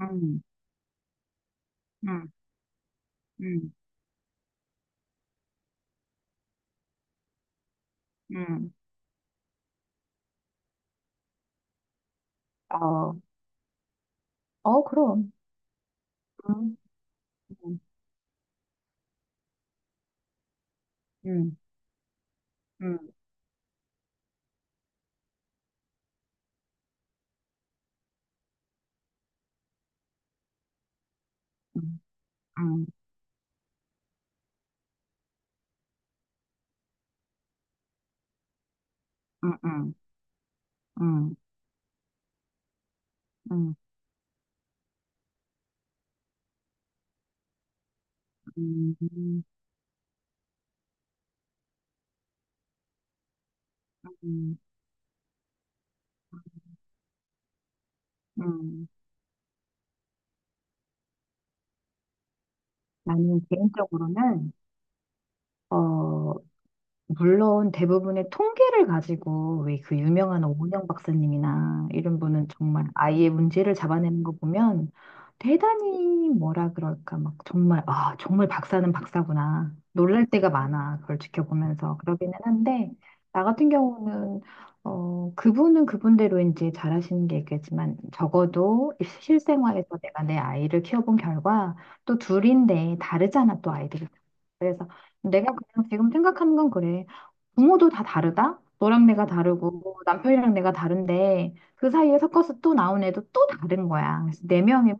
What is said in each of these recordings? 음, 음, 음, 음. 어, 어, 그럼. 음, 음, 음, 음, 음, 음, 음, 음, 음, 음, 음, 음. 나는 개인적으로는, 어, 물론 대부분의 통계를 가지고 왜 그 유명한 오은영 박사님이나 이런 분은 정말 아이의 문제를 잡아내는 거 보면 대단히 뭐라 그럴까 막 정말 아 정말 박사는 박사구나 놀랄 때가 많아. 그걸 지켜보면서 그러기는 한데, 나 같은 경우는 그분은 그분대로 이제 잘하시는 게 있겠지만, 적어도 실생활에서 내가 내 아이를 키워본 결과, 또 둘인데 다르잖아, 또 아이들이. 그래서 내가 그냥 지금 생각하는 건 그래. 부모도 다 다르다? 너랑 내가 다르고 남편이랑 내가 다른데, 그 사이에 섞어서 또 나온 애도 또 다른 거야. 그래서 네 명이면,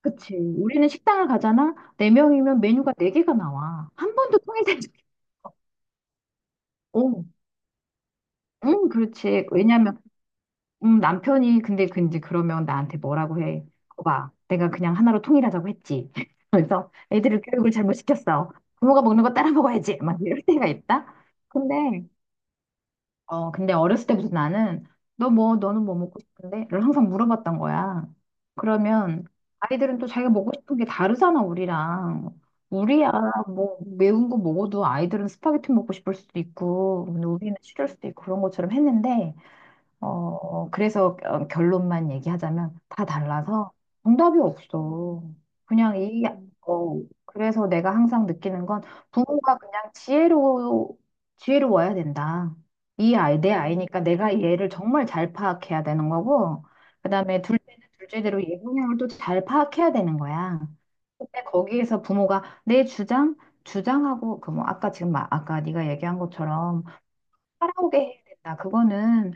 그치. 우리는 식당을 가잖아. 네 명이면 메뉴가 네 개가 나와. 한 번도 통일된 적이 없어. 응, 그렇지. 왜냐면 남편이 근데 그러면 나한테 뭐라고 해? 오, 내가 그냥 하나로 통일하자고 했지. 그래서 애들을 교육을 잘못 시켰어. 부모가 먹는 거 따라 먹어야지. 막 이럴 때가 있다. 근데 어, 근데 어렸을 때부터 나는 너 뭐, 너는 뭐 먹고 싶은데? 를 항상 물어봤던 거야. 그러면 아이들은 또 자기가 먹고 싶은 게 다르잖아, 우리랑. 우리야, 뭐, 매운 거 먹어도 아이들은 스파게티 먹고 싶을 수도 있고, 근데 우리는 싫을 수도 있고. 그런 것처럼 했는데, 어, 그래서 어, 결론만 얘기하자면 다 달라서 정답이 없어. 그냥 이, 어, 그래서 내가 항상 느끼는 건 부모가 그냥 지혜로, 지혜로워야 된다. 이 아이, 내 아이니까 내가 얘를 정말 잘 파악해야 되는 거고, 그 다음에 둘째는 둘째대로 얘 성향을 또 잘 파악해야 되는 거야. 근데 거기에서 부모가 내 주장, 주장하고, 그 뭐, 아까 지금, 막 아까 네가 얘기한 것처럼 따라오게 해야 된다. 그거는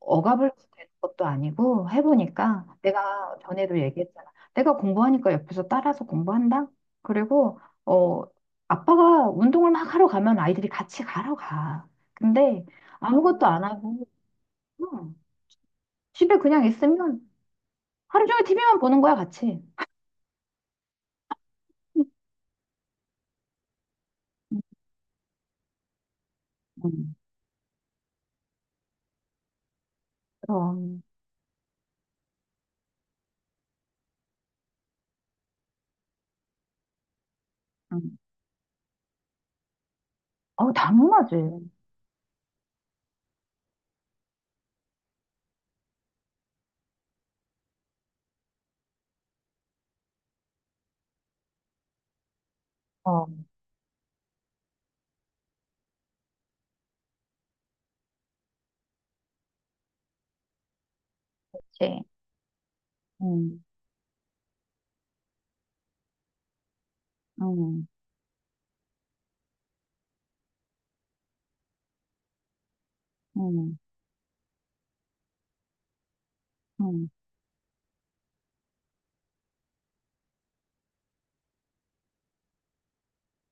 억압을 되는 것도 아니고, 해보니까, 내가 전에도 얘기했잖아. 내가 공부하니까 옆에서 따라서 공부한다. 그리고 아빠가 운동을 막 하러 가면 아이들이 같이 가러 가. 근데 아무것도 안 하고, 응, 집에 그냥 있으면 하루 종일 TV만 보는 거야 같이. 음, 음, 그럼. 음. 어, 당연하지. 어, 그치. 음, 음, 음, 음,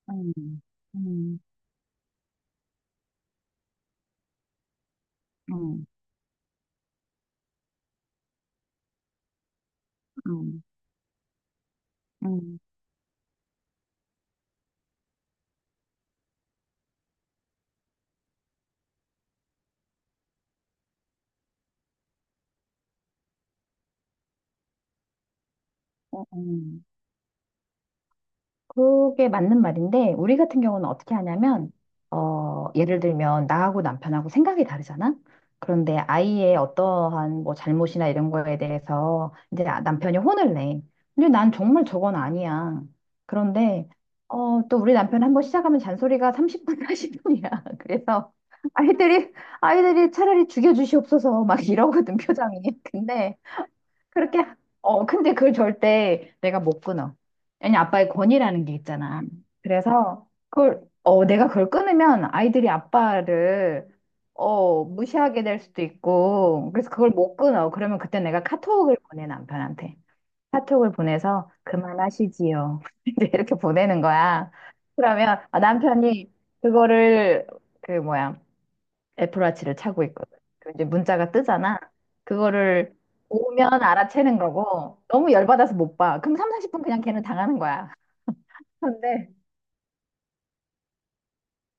음, 음, 음, 음, 음, 음, 음. 그게 맞는 말인데, 우리 같은 경우는 어떻게 하냐면, 어, 예를 들면, 나하고 남편하고 생각이 다르잖아? 그런데 아이의 어떠한 뭐 잘못이나 이런 거에 대해서 이제 남편이 혼을 내. 근데 난 정말 저건 아니야. 그런데, 어, 또 우리 남편 한 번 시작하면 잔소리가 30분, 사0분이야. 그래서 아이들이, 아이들이 차라리 죽여주시옵소서 막 이러거든, 표정이. 그렇게, 하- 어, 근데 그걸 절대 내가 못 끊어. 왜냐, 아빠의 권위라는 게 있잖아. 그래서 그걸, 어, 내가 그걸 끊으면 아이들이 아빠를, 어, 무시하게 될 수도 있고, 그래서 그걸 못 끊어. 그러면 그때 내가 카톡을 보내, 남편한테. 카톡을 보내서 그만하시지요. 이제 이렇게 보내는 거야. 그러면 아, 남편이 그거를, 그 뭐야, 애플워치를 차고 있거든. 그 이제 문자가 뜨잖아. 그거를 오면 알아채는 거고, 너무 열받아서 못 봐. 그럼 3, 40분 그냥 걔는 당하는 거야. 근데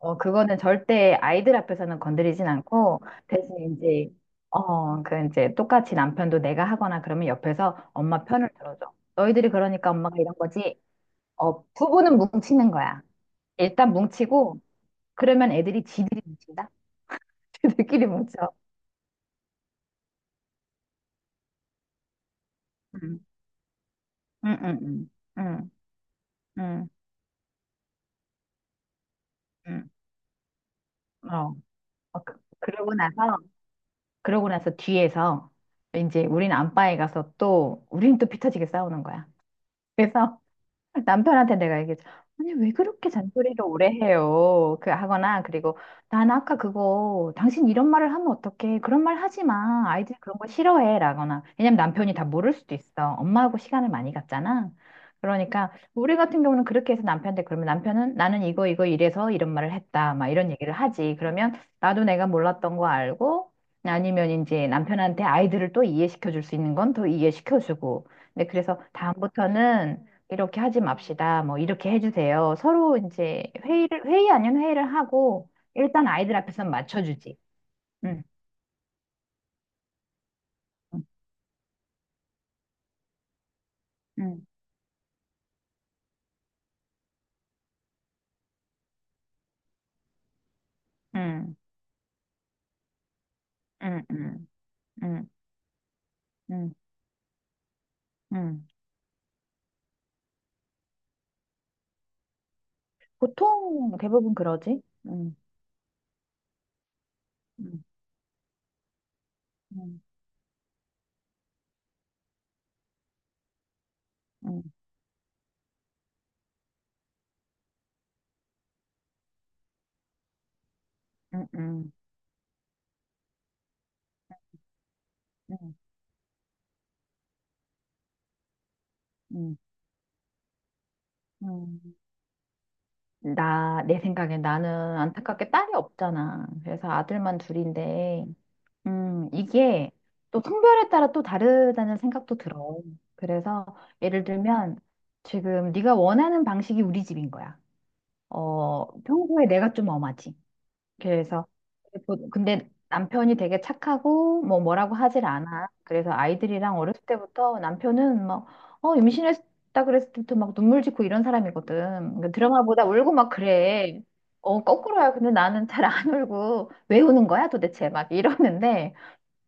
어, 그거는 절대 아이들 앞에서는 건드리진 않고, 대신 이제 어그 이제 똑같이 남편도 내가 하거나 그러면 옆에서 엄마 편을 들어줘. 너희들이 그러니까 엄마가 이런 거지. 어, 부부는 뭉치는 거야. 일단 뭉치고, 그러면 애들이 지들이 뭉친다. 지들끼리 뭉쳐. 응. 응, 응, 응. 응, 응. 음, 어. 어, 그- 그러고 나서, 그러고 나서 뒤에서 이제 우린 안방에 가서 또, 우린 또 피 터지게 싸우는 거야. 그래서 남편한테 내가 얘기했죠. 아니, 왜 그렇게 잔소리를 오래 해요? 그 하거나, 그리고 난 아까 그거, 당신 이런 말을 하면 어떡해? 그런 말 하지 마. 아이들이 그런 거 싫어해. 라거나. 왜냐면 남편이 다 모를 수도 있어. 엄마하고 시간을 많이 갖잖아. 그러니까, 우리 같은 경우는 그렇게 해서 남편한테, 그러면 남편은 나는 이거, 이거 이래서 이런 말을 했다. 막 이런 얘기를 하지. 그러면 나도 내가 몰랐던 거 알고, 아니면 이제 남편한테 아이들을 또 이해시켜 줄 수 있는 건 더 이해시켜 주고. 근데 그래서 다음부터는 이렇게 하지 맙시다. 뭐 이렇게 해주세요. 서로 이제 회의를 회의 아닌 회의를 하고 일단 아이들 앞에서 맞춰주지. 응, 응, 응, 응, 응, 응, 응, 응. 응. 보통 대부분 그러지. 응, 응, 응, 응, 응, 응, 응, 응. 응. 나, 내 생각에 나는 안타깝게 딸이 없잖아. 그래서 아들만 둘인데. 이게 또 성별에 따라 또 다르다는 생각도 들어. 그래서 예를 들면 지금 네가 원하는 방식이 우리 집인 거야. 어, 평소에 내가 좀 엄하지. 그래서 근데 남편이 되게 착하고 뭐 뭐라고 하질 않아. 그래서 아이들이랑 어렸을 때부터 남편은 막, 어, 임신했다 그랬을 때부터 막 눈물 짓고 이런 사람이거든. 그러니까 드라마 보다 울고 막 그래. 어, 거꾸로야. 근데 나는 잘 안 울고, 왜 우는 거야 도대체 막 이러는데,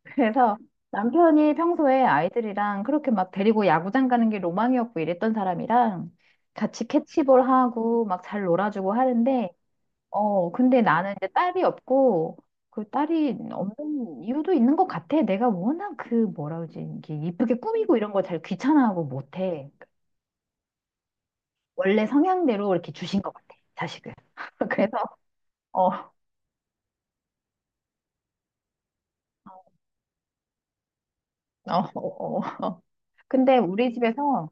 그래서 남편이 평소에 아이들이랑 그렇게 막 데리고 야구장 가는 게 로망이었고, 이랬던 사람이랑 같이 캐치볼 하고 막 잘 놀아주고 하는데, 어, 근데 나는 이제 딸이 없고, 그 딸이 없는 이유도 있는 것 같아. 내가 워낙 그 뭐라 그러지, 이게 이쁘게 꾸미고 이런 거 잘 귀찮아하고 못해. 원래 성향대로 이렇게 주신 것 같아, 자식을. 그래서, 어, 어, 어, 어. 근데 우리 집에서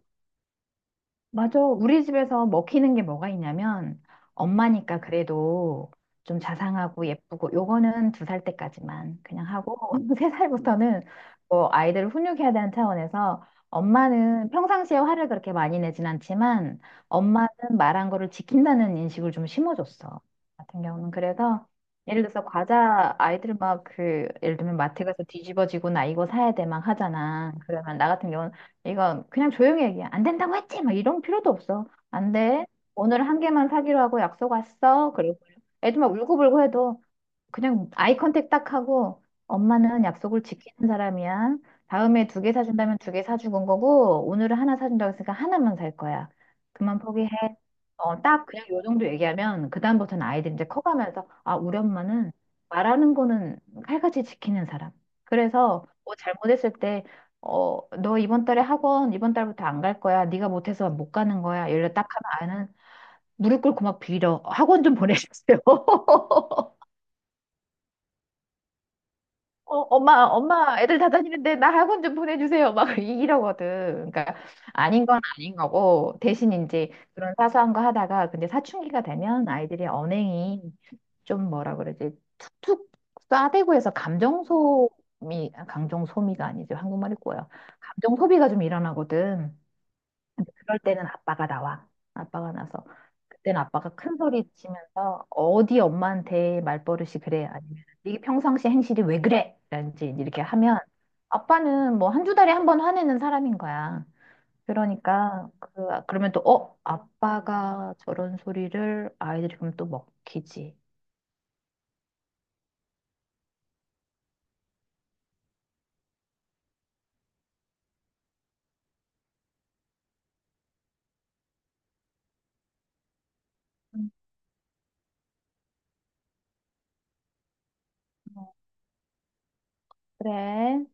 맞아. 우리 집에서 먹히는 게 뭐가 있냐면, 엄마니까 그래도 좀 자상하고 예쁘고, 요거는 두 살 때까지만 그냥 하고, 세 살부터는 뭐 아이들을 훈육해야 되는 차원에서, 엄마는 평상시에 화를 그렇게 많이 내진 않지만, 엄마는 말한 거를 지킨다는 인식을 좀 심어줬어. 같은 경우는. 그래서, 예를 들어서 과자, 아이들 막 그, 예를 들면 마트 가서 뒤집어지고 나 이거 사야 돼 막 하잖아. 그러면 나 같은 경우는 이건 그냥 조용히 얘기해. 안 된다고 했지? 막 이런 필요도 없어. 안 돼. 오늘 한 개만 사기로 하고 약속 왔어. 그리고 애들 막 울고불고 해도 그냥 아이 컨택 딱 하고 엄마는 약속을 지키는 사람이야. 다음에 두 개 사준다면 두 개사는 거고, 오늘은 하나 사준다고 했으니까 하나만 살 거야. 그만 포기해. 어, 딱 그냥 요 정도 얘기하면 그다음부터는 아이들이 이제 커가면서, 아, 우리 엄마는 말하는 거는 칼같이 지키는 사람. 그래서 뭐 잘못했을 때, 어, 너 이번 달에 학원, 이번 달부터 안 갈 거야. 네가 못해서 못 가는 거야. 이래 딱 하면 아이는 무릎 꿇고 막 빌어. 학원 좀 보내주세요. 어, 엄마, 엄마, 애들 다 다니는데 나 학원 좀 보내주세요. 막 이러거든. 그러니까 아닌 건 아닌 거고, 대신 이제 그런 사소한 거 하다가, 근데 사춘기가 되면 아이들이 언행이 좀 뭐라 그러지, 툭툭 싸대고 해서 감정 소미, 감정 소미가 아니죠. 한국말이 꼬여. 감정 소비가 좀 일어나거든. 그럴 때는 아빠가 나와. 아빠가 나서. 그때는 아빠가 큰 소리 치면서 어디 엄마한테 말버릇이 그래? 아니면 이게 평상시 행실이 왜 그래? 라든지 이렇게 하면 아빠는 뭐 한두 달에 한 번 화내는 사람인 거야. 그러니까 그, 그러면 또 어? 아빠가 저런 소리를 아이들이 그럼 또 먹히지. 음, 어, 그래.